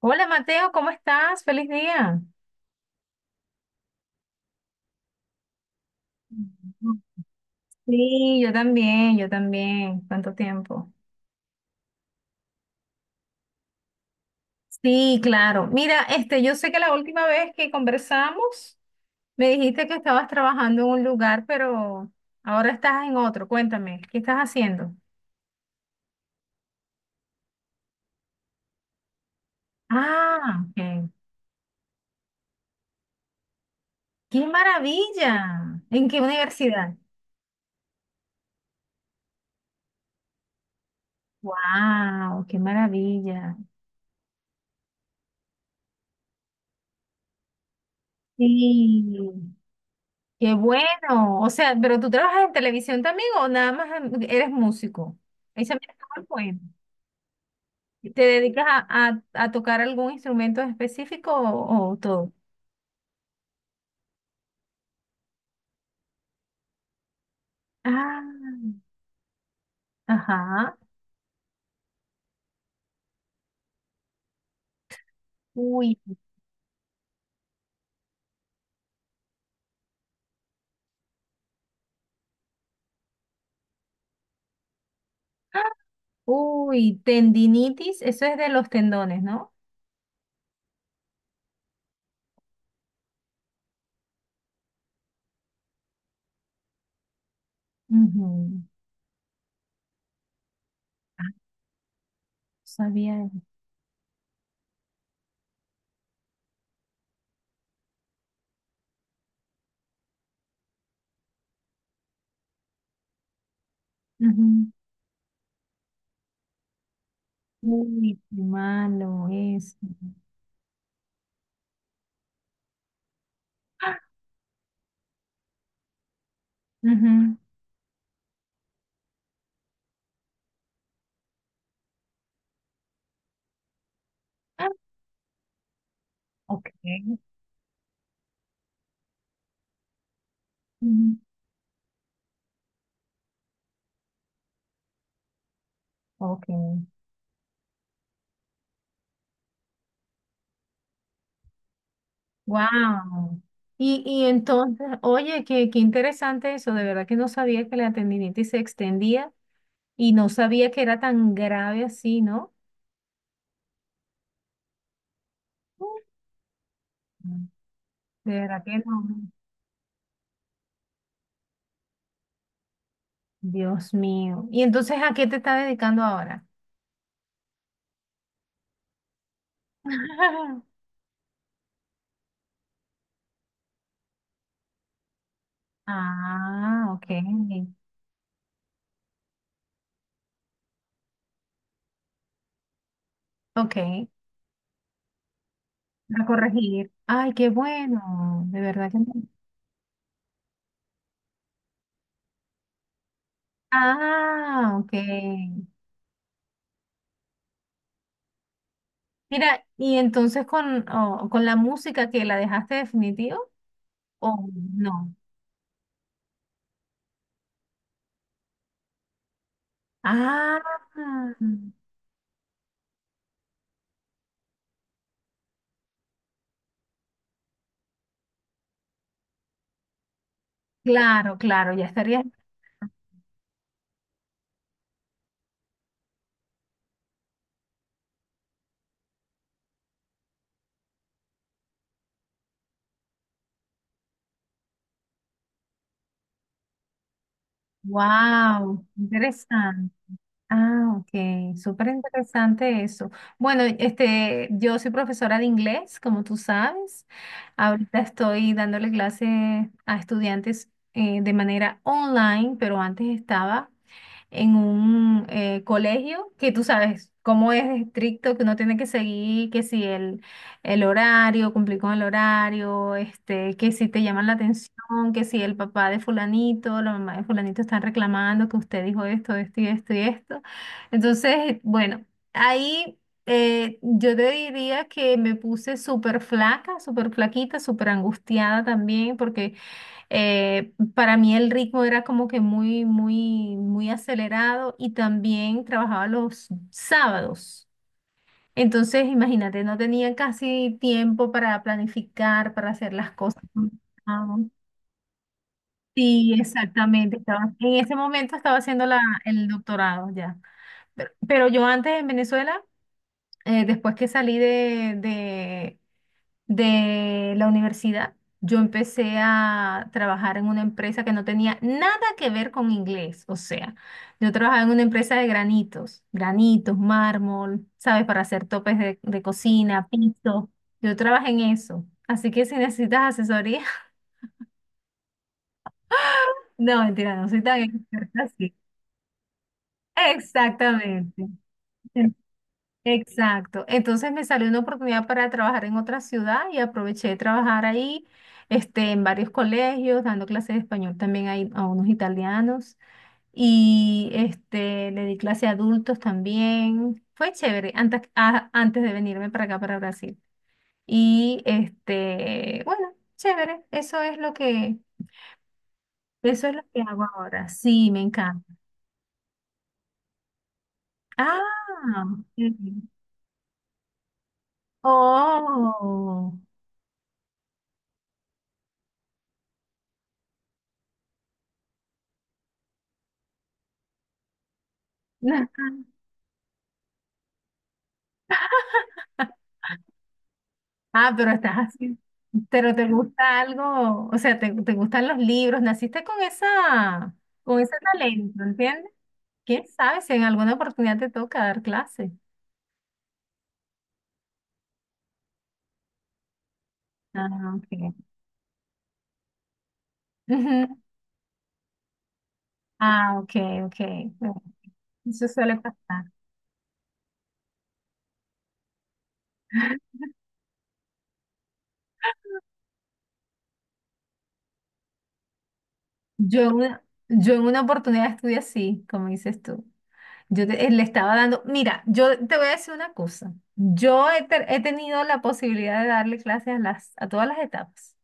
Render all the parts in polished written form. Hola Mateo, ¿cómo estás? Feliz día. Sí, yo también, yo también. ¿Cuánto tiempo? Sí, claro. Mira, yo sé que la última vez que conversamos me dijiste que estabas trabajando en un lugar, pero ahora estás en otro. Cuéntame, ¿qué estás haciendo? Ah, ok. ¡Qué maravilla! ¿En qué universidad? ¡Wow! ¡Qué maravilla! Sí. Qué bueno. O sea, pero tú trabajas en televisión también o nada más eres músico. Ahí se me acabó el cuento. ¿Te dedicas a tocar algún instrumento en específico o todo? Ah, ajá. Uy, ah, uy, tendinitis, eso es de los tendones, ¿no? Ujú. Sabía eso. Ujú. Uy, qué malo eso. Ah, ujú. Ah, ok. Ujú. Ok. Wow. Y entonces, oye, qué interesante eso. De verdad que no sabía que la tendinitis se extendía y no sabía que era tan grave así, ¿no? Mm. De verdad que no. Dios mío. ¿Y entonces a qué te estás dedicando ahora? Ah, ok. Ok. A corregir. Ay, qué bueno. De verdad que no. Ah, ok. Mira, y entonces con, oh, con la música que la dejaste definitiva. O no. Ah, claro, claro, ya estaría. Wow, interesante. Ah, ok, súper interesante eso. Bueno, yo soy profesora de inglés, como tú sabes. Ahorita estoy dándole clases a estudiantes de manera online, pero antes estaba en un colegio, que tú sabes cómo es estricto, que uno tiene que seguir, que si el horario, cumplir con el horario, que si te llaman la atención, que si el papá de fulanito, la mamá de fulanito están reclamando que usted dijo esto, esto y esto y esto. Entonces, bueno, ahí... yo te diría que me puse súper flaca, súper flaquita, súper angustiada también, porque para mí el ritmo era como que muy, muy, muy acelerado y también trabajaba los sábados. Entonces, imagínate, no tenía casi tiempo para planificar, para hacer las cosas. Ah, sí, exactamente. Estaba, en ese momento estaba haciendo el doctorado ya. Pero yo antes en Venezuela, después que salí de la universidad, yo empecé a trabajar en una empresa que no tenía nada que ver con inglés. O sea, yo trabajaba en una empresa de granitos, granitos, mármol, ¿sabes? Para hacer topes de cocina, piso. Yo trabajé en eso. Así que si necesitas asesoría, no, mentira, no soy tan experta así. Exactamente. Exacto. Entonces me salió una oportunidad para trabajar en otra ciudad y aproveché de trabajar ahí, en varios colegios, dando clases de español también ahí a unos italianos y le di clase a adultos también. Fue chévere antes, antes de venirme para acá, para Brasil. Y bueno, chévere. Eso es lo que hago ahora. Sí, me encanta. Ah, ok. Oh. Ah, pero estás así. Pero te gusta algo, o sea, te gustan los libros, naciste con con ese talento, ¿entiendes? ¿Quién sabe si en alguna oportunidad te toca dar clase? Ah, ok. Ujú. Ah, ok, ok. Bueno, eso suele pasar. Yo en una, yo en una oportunidad estudié así, como dices tú. Le estaba dando, mira, yo te voy a decir una cosa. He tenido la posibilidad de darle clases a a todas las etapas.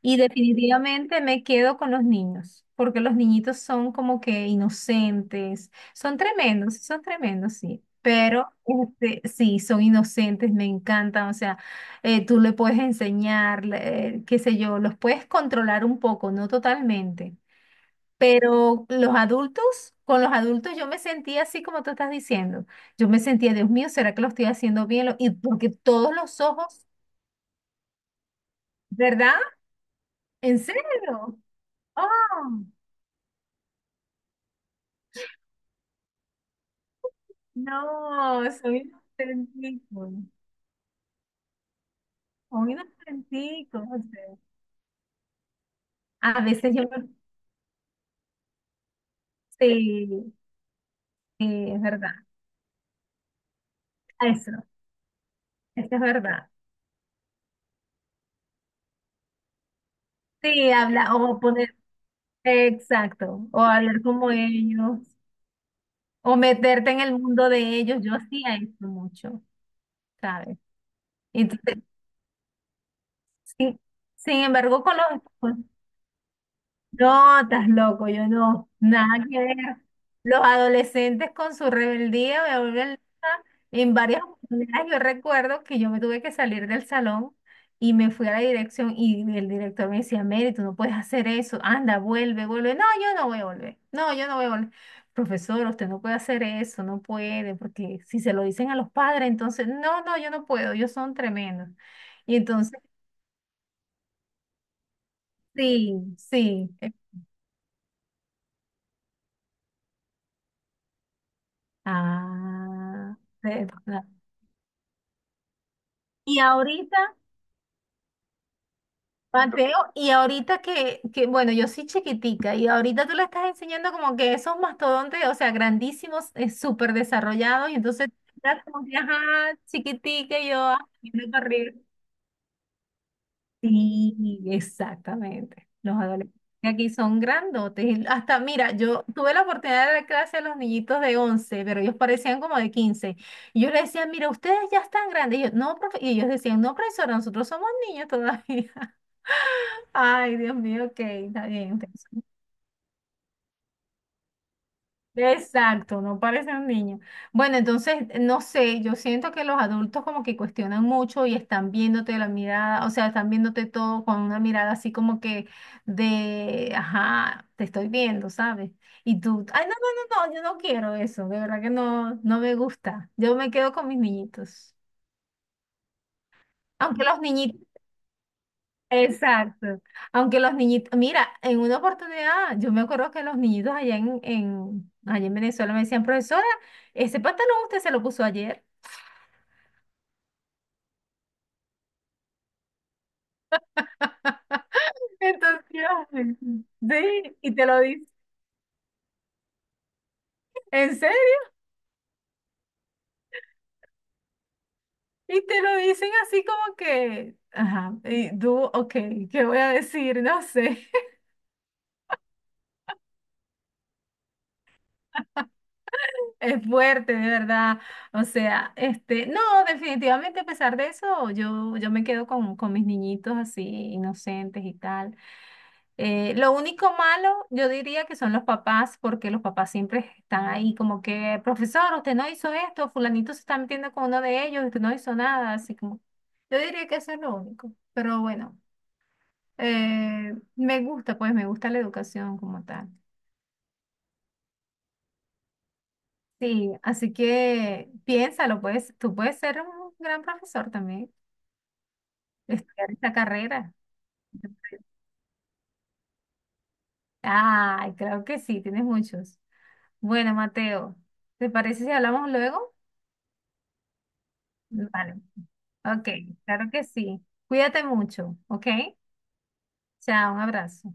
Y definitivamente me quedo con los niños, porque los niñitos son como que inocentes, son tremendos, sí, pero sí, son inocentes, me encantan, o sea, tú le puedes enseñar, qué sé yo, los puedes controlar un poco, no totalmente, pero los adultos, con los adultos yo me sentía así como tú estás diciendo, yo me sentía, Dios mío, ¿será que lo estoy haciendo bien? Y porque todos los ojos, ¿verdad? ¿En serio? ¡Oh! No, soy un auténtico, soy un auténtico. O sea, a veces yo me... Sí, sí, es verdad. Eso, eso es verdad. Sí, habla o poner... Exacto, o hablar como ellos, o meterte en el mundo de ellos. Yo hacía eso mucho, ¿sabes? Entonces, sí, sin embargo, con los... No, estás loco, yo no, nada que ver. Los adolescentes con su rebeldía me vuelven loca. En varias oportunidades yo recuerdo que yo me tuve que salir del salón y me fui a la dirección y el director me decía, Mary, tú no puedes hacer eso, anda, vuelve, vuelve. No, yo no voy a volver, no, yo no voy a volver. Profesor, usted no puede hacer eso, no puede, porque si se lo dicen a los padres, entonces, no, no, yo no puedo, ellos son tremendos. Y entonces, sí, sí. Ah, y ahorita, Mateo, y ahorita que, bueno, yo soy chiquitica, y ahorita tú le estás enseñando como que esos mastodontes, o sea, grandísimos, súper desarrollados, y entonces estás como que, ajá, chiquitica, y yo, ah, viendo para arriba. Sí, exactamente. Los adolescentes aquí son grandotes. Y hasta, mira, yo tuve la oportunidad de dar clase a los niñitos de 11, pero ellos parecían como de 15. Y yo les decía, mira, ustedes ya están grandes. Y yo, no, profe-". Y ellos decían, no, profesora, nosotros somos niños todavía. Ay, Dios mío, ok, está bien, entonces. Exacto, no parece un niño. Bueno, entonces, no sé, yo siento que los adultos como que cuestionan mucho y están viéndote la mirada, o sea, están viéndote todo con una mirada así como que de, ajá, te estoy viendo, ¿sabes? Y tú, ay, no, no, no, no, yo no quiero eso, de verdad que no, no me gusta. Yo me quedo con mis niñitos. Aunque los niñitos... Exacto. Aunque los niñitos, mira, en una oportunidad, yo me acuerdo que los niñitos allá allá en Venezuela me decían, profesora, ese pantalón usted se lo puso ayer. Entonces, yo, sí, y te lo dicen, en serio, y te lo dicen así como que, ajá, y tú, ok, ¿qué voy a decir? No sé, es fuerte, de verdad. O sea, no, definitivamente a pesar de eso, yo me quedo con mis niñitos así, inocentes y tal. Lo único malo, yo diría que son los papás, porque los papás siempre están ahí como que, profesor, usted no hizo esto, fulanito se está metiendo con uno de ellos, usted no hizo nada, así como, yo diría que eso es lo único, pero bueno, me gusta, pues me gusta la educación como tal. Sí, así que piénsalo, pues, tú puedes ser un gran profesor también, estudiar esta carrera. Ay, creo que sí, tienes muchos. Bueno, Mateo, ¿te parece si hablamos luego? Vale. Ok, claro que sí. Cuídate mucho, ¿ok? Chao, un abrazo.